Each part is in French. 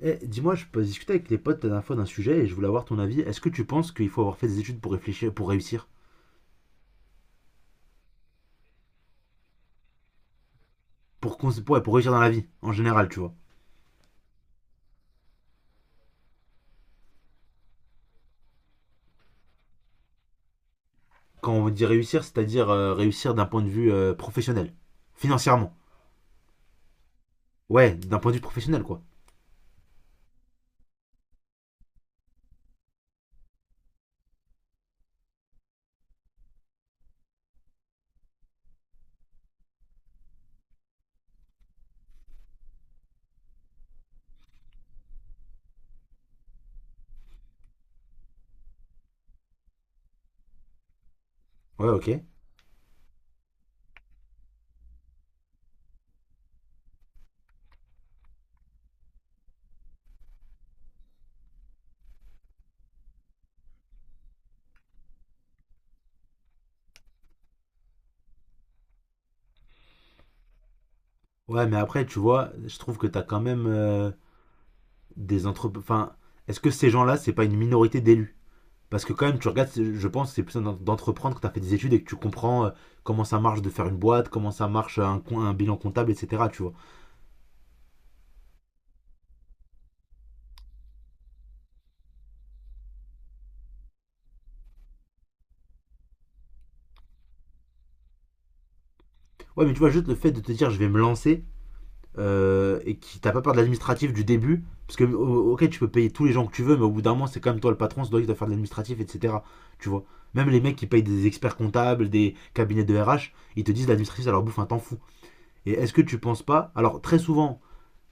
Eh, dis-moi, je peux discuter avec les potes la dernière fois d'un sujet et je voulais avoir ton avis. Est-ce que tu penses qu'il faut avoir fait des études pour réfléchir, pour réussir? Ouais, pour réussir dans la vie, en général, tu vois. Quand on dit réussir, c'est-à-dire réussir d'un point de vue professionnel, financièrement. Ouais, d'un point de vue professionnel, quoi. Ouais, ok. Ouais, mais après, tu vois, je trouve que t'as quand même des entreprises. Enfin, est-ce que ces gens-là, c'est pas une minorité d'élus? Parce que quand même, tu regardes, je pense, que c'est plus d'entreprendre quand t'as fait des études et que tu comprends comment ça marche de faire une boîte, comment ça marche un bilan comptable, etc. Tu vois. Ouais, mais tu vois, juste le fait de te dire je vais me lancer et qui t'as pas peur de l'administratif du début, parce que ok, tu peux payer tous les gens que tu veux, mais au bout d'un moment, c'est quand même toi le patron, c'est toi qui dois faire de l'administratif, etc. Tu vois, même les mecs qui payent des experts comptables, des cabinets de RH, ils te disent l'administratif ça leur bouffe un temps fou. Et est-ce que tu penses pas? Alors, très souvent,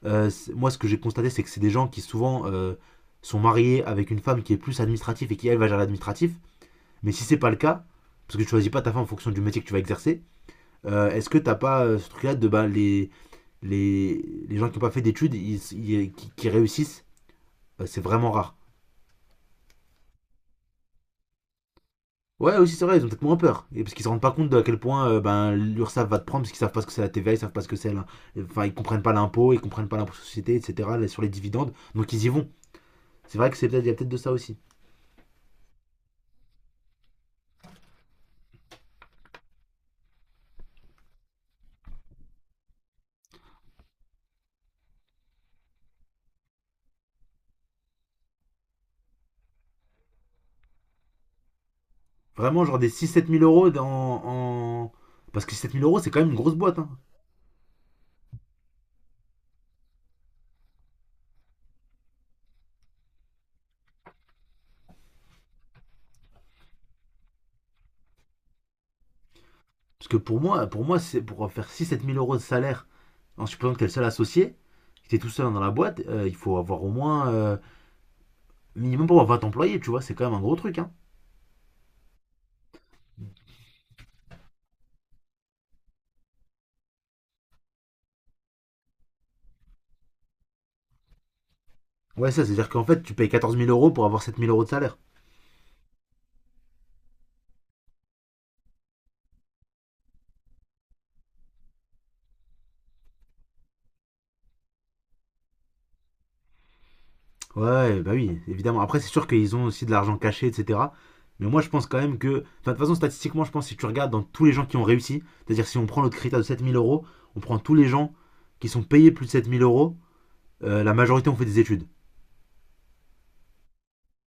moi ce que j'ai constaté, c'est que c'est des gens qui souvent sont mariés avec une femme qui est plus administrative et qui elle va gérer l'administratif, mais si c'est pas le cas, parce que tu choisis pas ta femme en fonction du métier que tu vas exercer, est-ce que t'as pas ce truc là de bah, les, les gens qui n'ont pas fait d'études, qui réussissent, c'est vraiment rare. Ouais, aussi c'est vrai, ils ont peut-être moins peur. Et parce qu'ils se rendent pas compte de à quel point ben, l'URSSAF va te prendre, parce qu'ils savent pas ce que c'est la TVA, ils savent pas ce que c'est enfin, ils comprennent pas l'impôt, ils comprennent pas l'impôt sur la société, etc., là, sur les dividendes, donc ils y vont. C'est vrai que c'est peut-être, il y a peut-être de ça aussi. Vraiment, genre des six sept mille euros en... parce que six sept mille euros, c'est quand même une grosse boîte, hein. Parce que pour moi c'est pour faire six sept mille euros de salaire, en supposant que t'es le seul associé, que t'es tout seul dans la boîte, il faut avoir au moins minimum pour avoir 20 employés, tu vois, c'est quand même un gros truc, hein. Ouais, ça, c'est-à-dire qu'en fait, tu payes 14 000 euros pour avoir 7 000 euros de salaire. Ouais, bah oui, évidemment. Après, c'est sûr qu'ils ont aussi de l'argent caché, etc. Mais moi, je pense quand même que, enfin, de toute façon, statistiquement, je pense que si tu regardes dans tous les gens qui ont réussi, c'est-à-dire si on prend notre critère de 7 000 euros, on prend tous les gens qui sont payés plus de 7 000 euros, la majorité ont fait des études.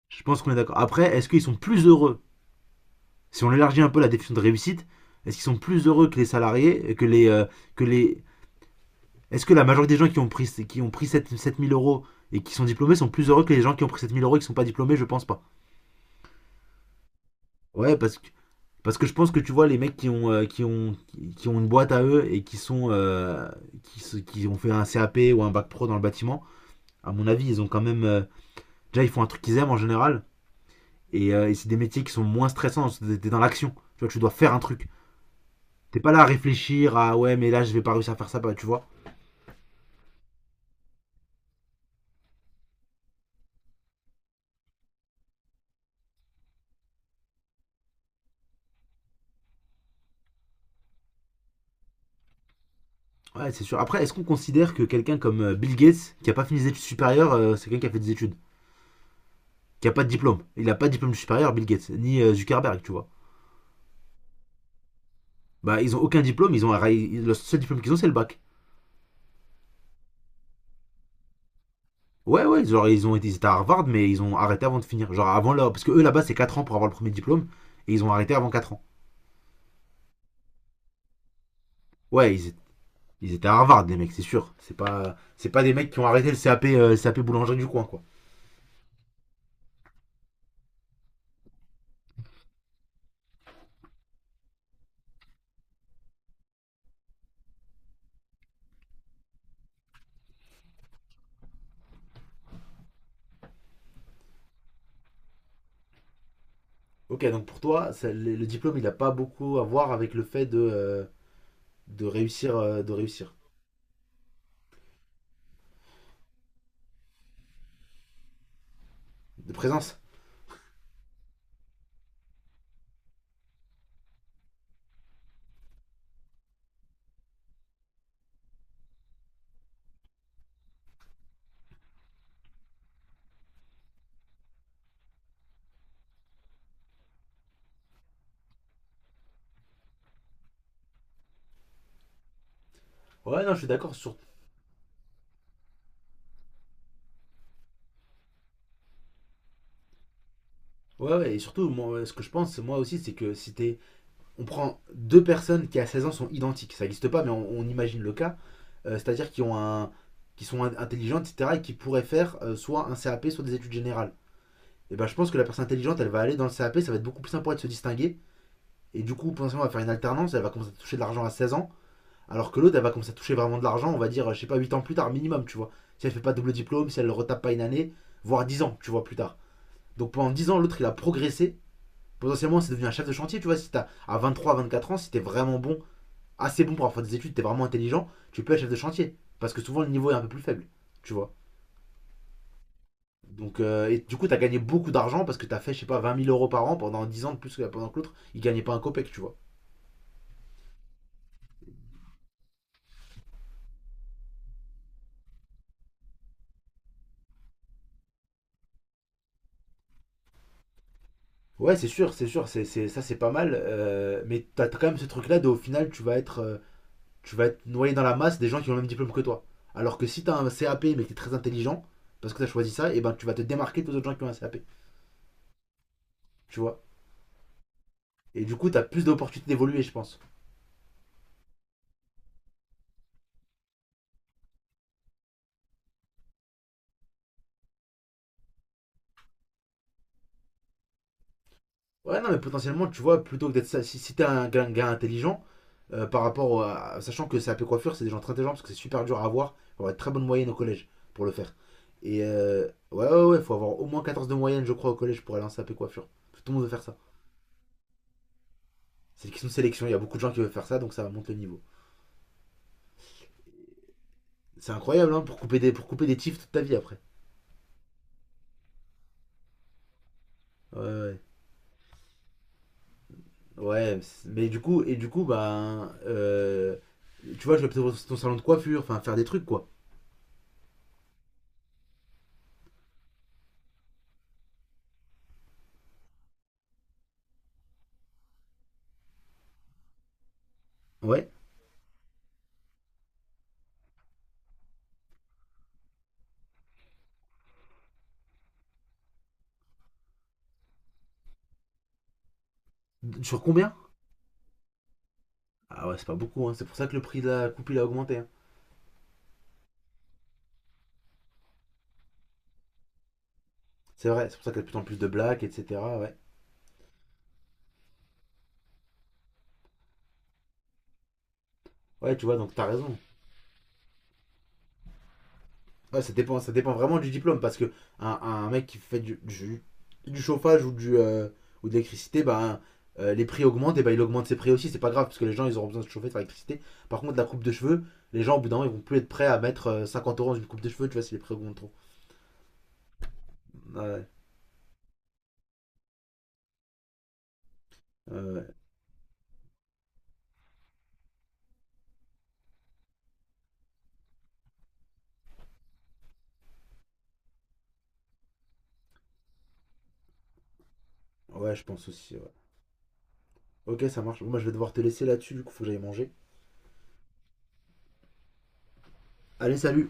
Je pense qu'on est d'accord. Après, est-ce qu'ils sont plus heureux? Si on élargit un peu la définition de réussite, est-ce qu'ils sont plus heureux que les salariés, que les, que les est-ce que la majorité des gens qui ont pris 7000 euros et qui sont diplômés sont plus heureux que les gens qui ont pris 7 000 euros et qui sont pas diplômés? Je pense pas. Ouais, parce que je pense que tu vois, les mecs qui ont, une boîte à eux et qui ont fait un CAP ou un bac pro dans le bâtiment, à mon avis, ils ont quand même, déjà, ils font un truc qu'ils aiment en général. Et, c'est des métiers qui sont moins stressants, t'es dans l'action. Tu vois, tu dois faire un truc. T'es pas là à réfléchir à ouais, mais là, je vais pas réussir à faire ça, bah, tu vois. Ouais, c'est sûr. Après, est-ce qu'on considère que quelqu'un comme Bill Gates, qui a pas fini des études supérieures, c'est quelqu'un qui a fait des études, qui a pas de diplôme? Il a pas de diplôme supérieur, Bill Gates, ni Zuckerberg, tu vois. Bah, ils ont aucun diplôme, ils ont le seul diplôme qu'ils ont, c'est le bac. Ouais, ouais, genre, ils ont été ils étaient à Harvard, mais ils ont arrêté avant de finir. Genre, avant là, parce que eux là-bas, c'est 4 ans pour avoir le premier diplôme, et ils ont arrêté avant 4 ans. Ouais, ils étaient à Harvard, les mecs, c'est sûr. C'est pas des mecs qui ont arrêté le CAP, CAP boulangerie du coin, quoi. Ok, donc pour toi, le diplôme, il a pas beaucoup à voir avec le fait de, de réussir, de présence. Ouais, non, je suis d'accord sur. Ouais, ouais, et surtout, moi, ce que je pense, moi aussi, c'est que si t'es. On prend deux personnes qui à 16 ans sont identiques, ça n'existe pas, mais on imagine le cas, c'est-à-dire qui ont un, qui sont intelligentes, etc., et qui pourraient faire soit un CAP, soit des études générales. Et ben, je pense que la personne intelligente, elle va aller dans le CAP, ça va être beaucoup plus simple pour elle de se distinguer, et du coup, potentiellement, elle va faire une alternance, elle va commencer à toucher de l'argent à 16 ans. Alors que l'autre, elle va commencer à toucher vraiment de l'argent, on va dire, je sais pas, 8 ans plus tard minimum, tu vois. Si elle fait pas double diplôme, si elle retape pas une année, voire 10 ans, tu vois, plus tard. Donc pendant 10 ans, l'autre, il a progressé. Potentiellement, c'est devenu un chef de chantier, tu vois. Si t'as à 23, 24 ans, si t'es vraiment bon, assez bon pour avoir fait des études, t'es vraiment intelligent, tu peux être chef de chantier. Parce que souvent, le niveau est un peu plus faible, tu vois. Donc, et du coup, t'as gagné beaucoup d'argent parce que t'as fait, je sais pas, 20 000 euros par an pendant 10 ans de plus que pendant que l'autre, il gagnait pas un copec, tu vois. Ouais, c'est sûr, ça c'est pas mal, mais t'as quand même ce truc-là de au final, tu vas être, tu vas être noyé dans la masse des gens qui ont le même diplôme que toi. Alors que si t'as un CAP mais que t'es très intelligent, parce que t'as choisi ça, et ben tu vas te démarquer des autres gens qui ont un CAP. Tu vois. Et du coup, t'as plus d'opportunités d'évoluer, je pense. Ouais, non, mais potentiellement, tu vois, plutôt que d'être, si, si t'es un gars intelligent, par rapport à. Sachant que CAP coiffure, c'est des gens très intelligents parce que c'est super dur à avoir. Il faut avoir une très bonne moyenne au collège pour le faire. Ouais, ouais, ouais, il faut avoir au moins 14 de moyenne, je crois, au collège pour aller en CAP coiffure. Tout le monde veut faire ça. C'est une question de sélection, il y a beaucoup de gens qui veulent faire ça, donc ça monte le niveau. C'est incroyable, hein, pour couper des tifs toute ta vie après. Ouais, ouais. Ouais, mais du coup, bah tu vois, je vais peut-être dans ton salon de coiffure, enfin, faire des trucs, quoi. Ouais. Sur combien? Ah ouais, c'est pas beaucoup, hein. C'est pour ça que le prix de la coupe, il a augmenté, hein. C'est vrai, c'est pour ça qu'il y a de plus en plus de blagues, etc. Ouais. Ouais, tu vois, donc t'as raison. Ouais, ça dépend vraiment du diplôme parce que un mec qui fait du chauffage ou de l'électricité, bah, les prix augmentent et bah, il augmente ses prix aussi. C'est pas grave parce que les gens ils auront besoin de se chauffer, de faire l'électricité. Par contre, la coupe de cheveux, les gens au bout d'un moment ils vont plus être prêts à mettre 50 euros dans une coupe de cheveux, tu vois, si les prix augmentent trop. Ouais, ouais, ouais, je pense aussi, ouais. Ok, ça marche. Bon, moi je vais devoir te laisser là-dessus, du coup, faut que j'aille manger. Allez, salut!